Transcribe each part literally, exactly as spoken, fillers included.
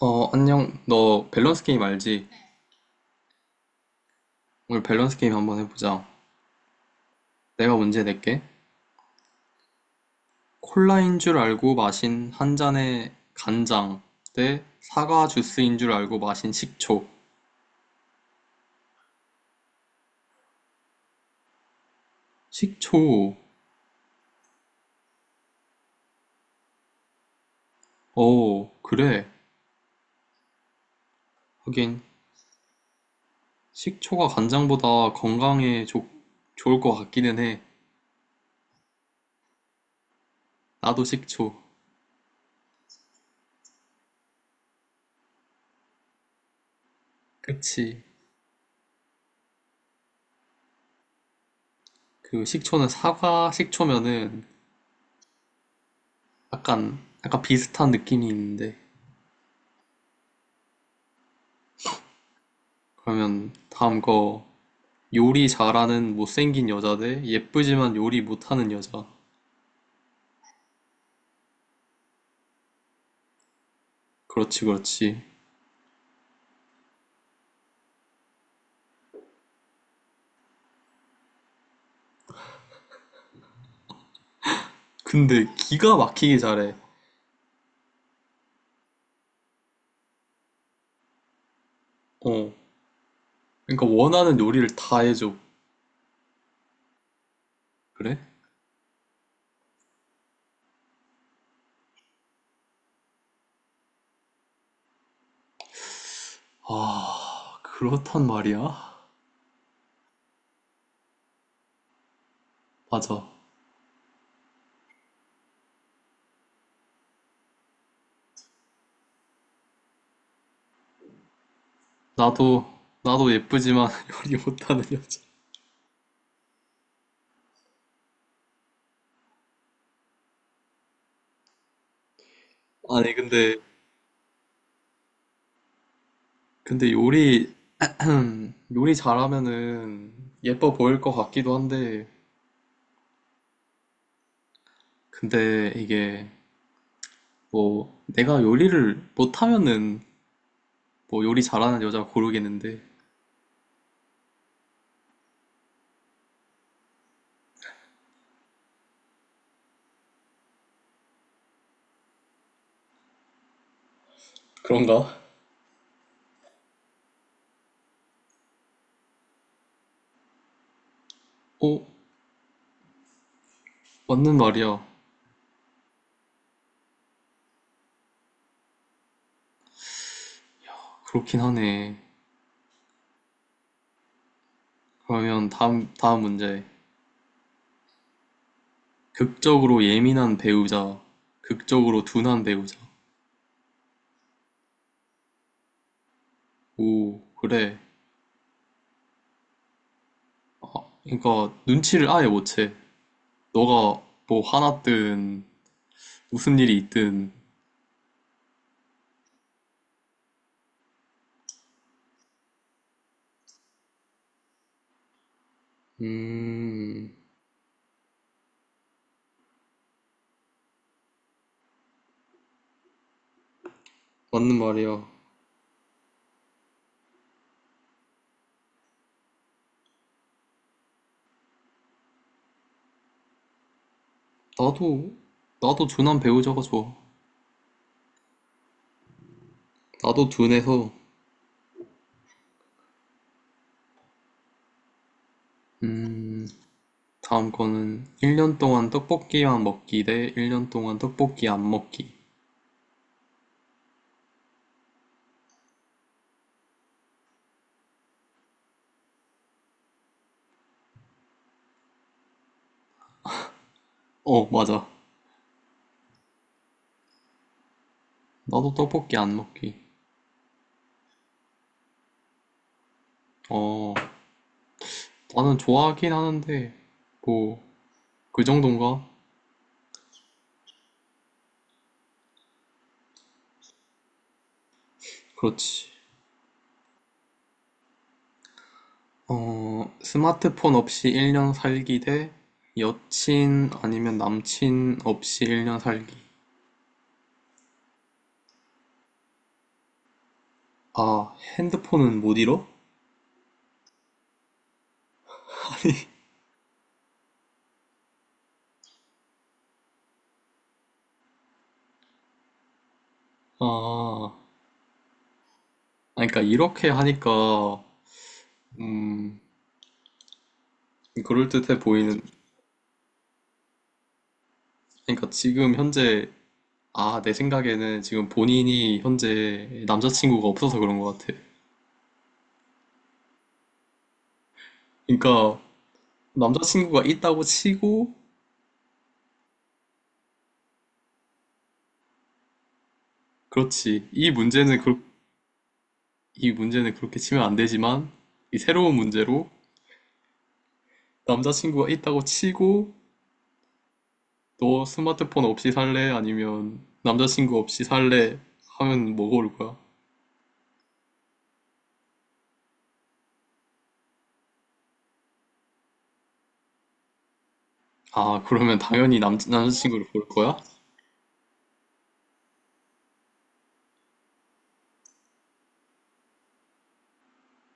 어, 안녕. 너 밸런스 게임 알지? 네. 오늘 밸런스 게임 한번 해보자. 내가 문제 낼게. 콜라인 줄 알고 마신 한 잔의 간장 대 사과 주스인 줄 알고 마신 식초. 식초. 어, 그래. 하긴, 식초가 간장보다 건강에 좋 좋을 것 같기는 해. 나도 식초. 그치. 그 식초는 사과 식초면은 약간 약간 비슷한 느낌이 있는데. 그러면 다음 거, 요리 잘하는 못생긴 여자 대 예쁘지만 요리 못하는 여자. 그렇지, 그렇지. 근데 기가 막히게 잘해. 어. 그러니까 원하는 요리를 다 해줘. 그래? 아, 그렇단 말이야. 맞아. 나도, 나도 예쁘지만 요리 못하는 여자. 아니, 근데, 근데 요리, 요리 잘하면은 예뻐 보일 것 같기도 한데, 근데 이게 뭐 내가 요리를 못하면은 뭐 요리 잘하는 여자 고르겠는데. 그런가? 어, 맞는 말이야. 그렇긴 하네. 그러면 다음, 다음 문제. 극적으로 예민한 배우자, 극적으로 둔한 배우자. 오, 그래. 그러니까 눈치를 아예 못 채. 너가 뭐 화났든 무슨 일이 있든. 음, 맞는 말이야. 나도, 나도 둔한 배우자가 좋아. 나도 둔해서. 음, 다음 거는 일 년 동안 떡볶이만 먹기 대 일 년 동안 떡볶이 안 먹기. 어, 맞아. 나도 떡볶이 안 먹기. 어, 나는 좋아하긴 하는데, 뭐, 그 정도인가? 그렇지. 어, 스마트폰 없이 일 년 살기 대 여친 아니면 남친 없이 일 년 살기. 아, 핸드폰은 못 잃어? 아, 아니, 그러니까 이렇게 하니까, 음, 그럴듯해 보이는, 그러니까 지금 현재, 아, 내 생각에는 지금 본인이 현재 남자친구가 없어서 그런 것 같아. 그러니까 남자친구가 있다고 치고. 그렇지. 이 문제는, 그, 이 문제는 그렇게 치면 안 되지만, 이 새로운 문제로 남자친구가 있다고 치고, 너 스마트폰 없이 살래, 아니면 남자친구 없이 살래 하면 뭐 고를 거야? 아, 그러면 당연히 남, 남자친구를 고를 거야?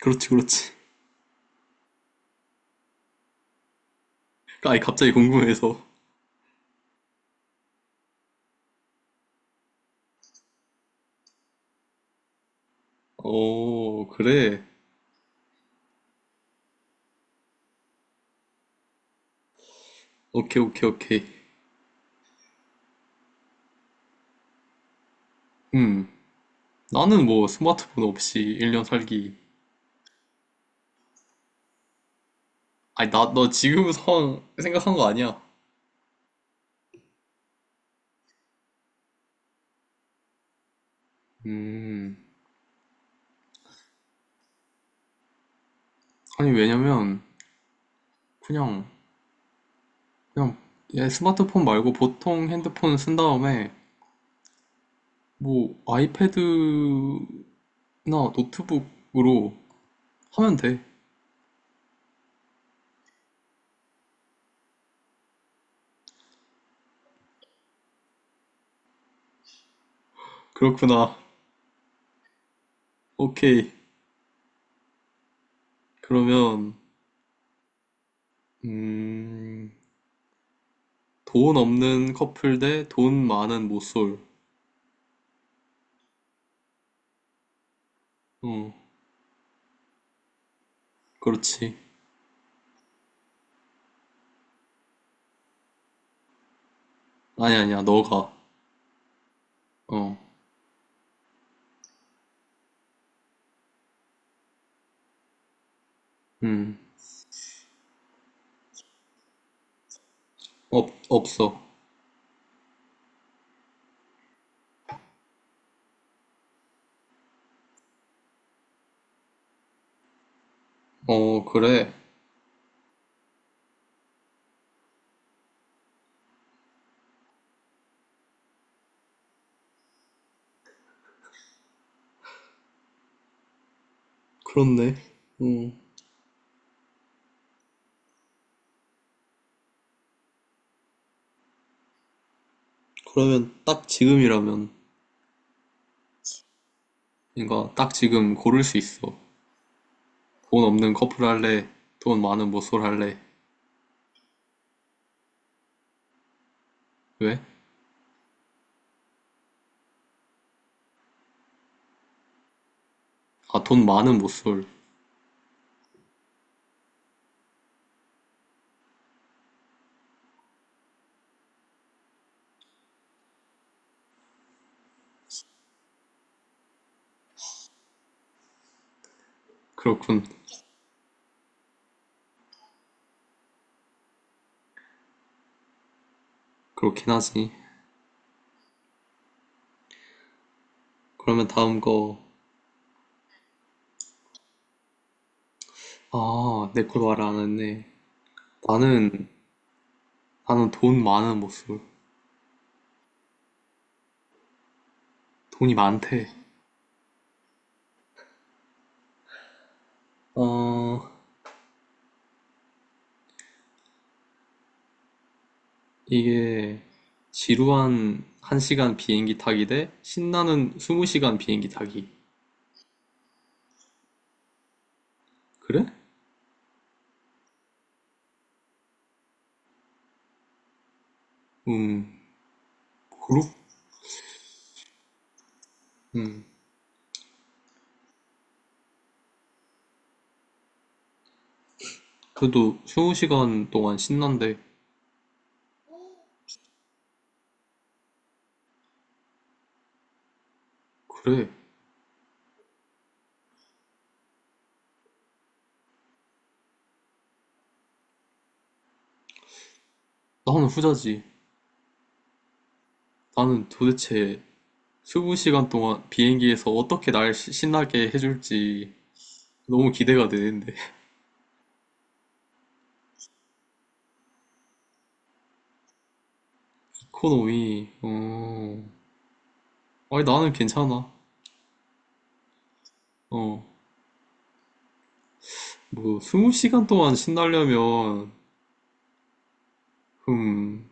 그렇지, 그렇지. 아니, 갑자기 궁금해서. 어, 그래. 오케이, 오케이, 오케이. 음, 나는 뭐 스마트폰 없이 일 년 살기. 아니, 나, 너 지금 상황 생각한 거 아니야. 음, 아니, 왜냐면, 그냥, 그냥, 얘 스마트폰 말고 보통 핸드폰 쓴 다음에, 뭐, 아이패드나 노트북으로 하면 돼. 그렇구나. 오케이. 그러면, 음, 돈 없는 커플 대 돈 많은 모쏠. 어, 그렇지. 아니, 아니야, 너가. 어, 음, 없, 없어. 어, 그래. 그렇네. 음, 그러면 딱 지금이라면. 그러니까 딱 지금 고를 수 있어. 돈 없는 커플 할래? 돈 많은 모쏠 할래? 왜? 아, 돈 많은 모쏠. 그렇군. 그렇긴 하지. 그러면 다음 거. 아, 내 걸 말 안 했네. 나는, 나는 돈 많은 모쏠. 돈이 많대. 어, 이게 지루한 한 시간 비행기 타기 대 신나는 스무 시간 비행기 타기. 그래? 음, 그룹? 음. 그래도 스무 시간 동안 신난대. 그래. 나는 후자지. 나는 도대체 스무 시간 동안 비행기에서 어떻게 날 시- 신나게 해줄지 너무 기대가 되는데. 이코노미, 어. 아니, 나는 괜찮아. 어. 뭐, 스무 시간 동안 신나려면, 음,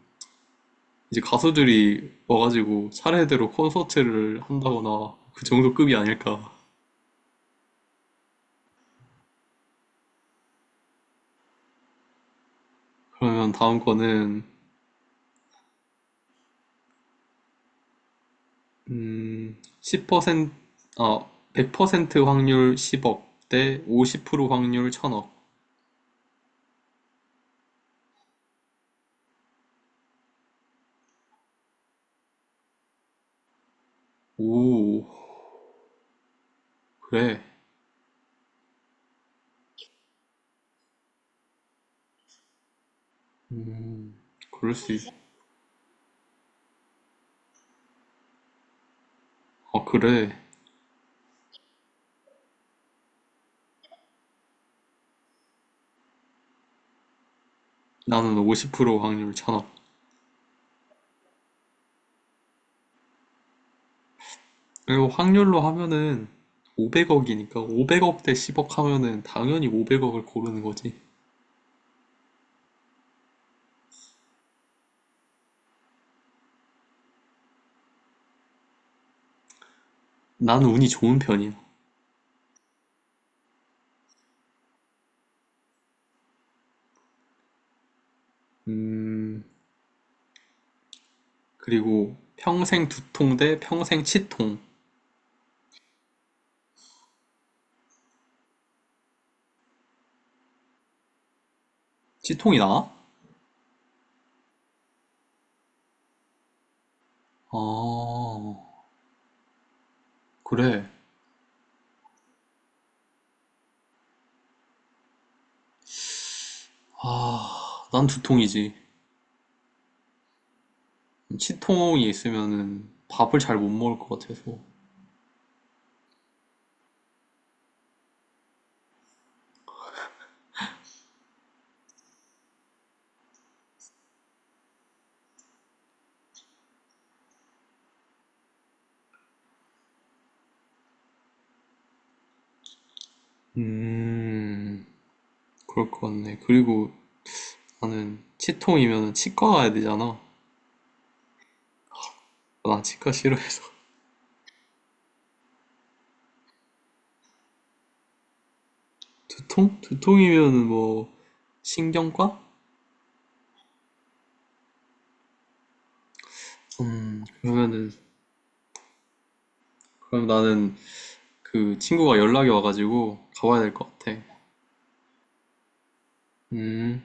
이제 가수들이 와가지고 차례대로 콘서트를 한다거나 그 정도 급이 아닐까. 그러면 다음 거는, 음, 십 퍼센트, 아, 백 퍼센트 확률 십억 대 오십 프로 확률 천억. 오, 그래. 음, 그럴 수 있, 어, 그래. 나는 오십 프로 확률 찬업. 그리고 확률로 하면은 오백억이니까 오백억 대 십억 하면은 당연히 오백억을 고르는 거지. 나는 운이 좋은 편이야. 음, 그리고 평생 두통 대 평생 치통. 치통이 나아? 아, 그래. 아, 난 두통이지. 치통이 있으면은 밥을 잘 못 먹을 것 같아서. 음, 그럴 것 같네. 그리고 나는 치통이면 치과 가야 되잖아. 나 치과 싫어해서. 두통? 두통이면은 뭐 신경과? 음, 그러면은 그럼 나는 그 친구가 연락이 와가지고 가봐야 될 것 같아. 음.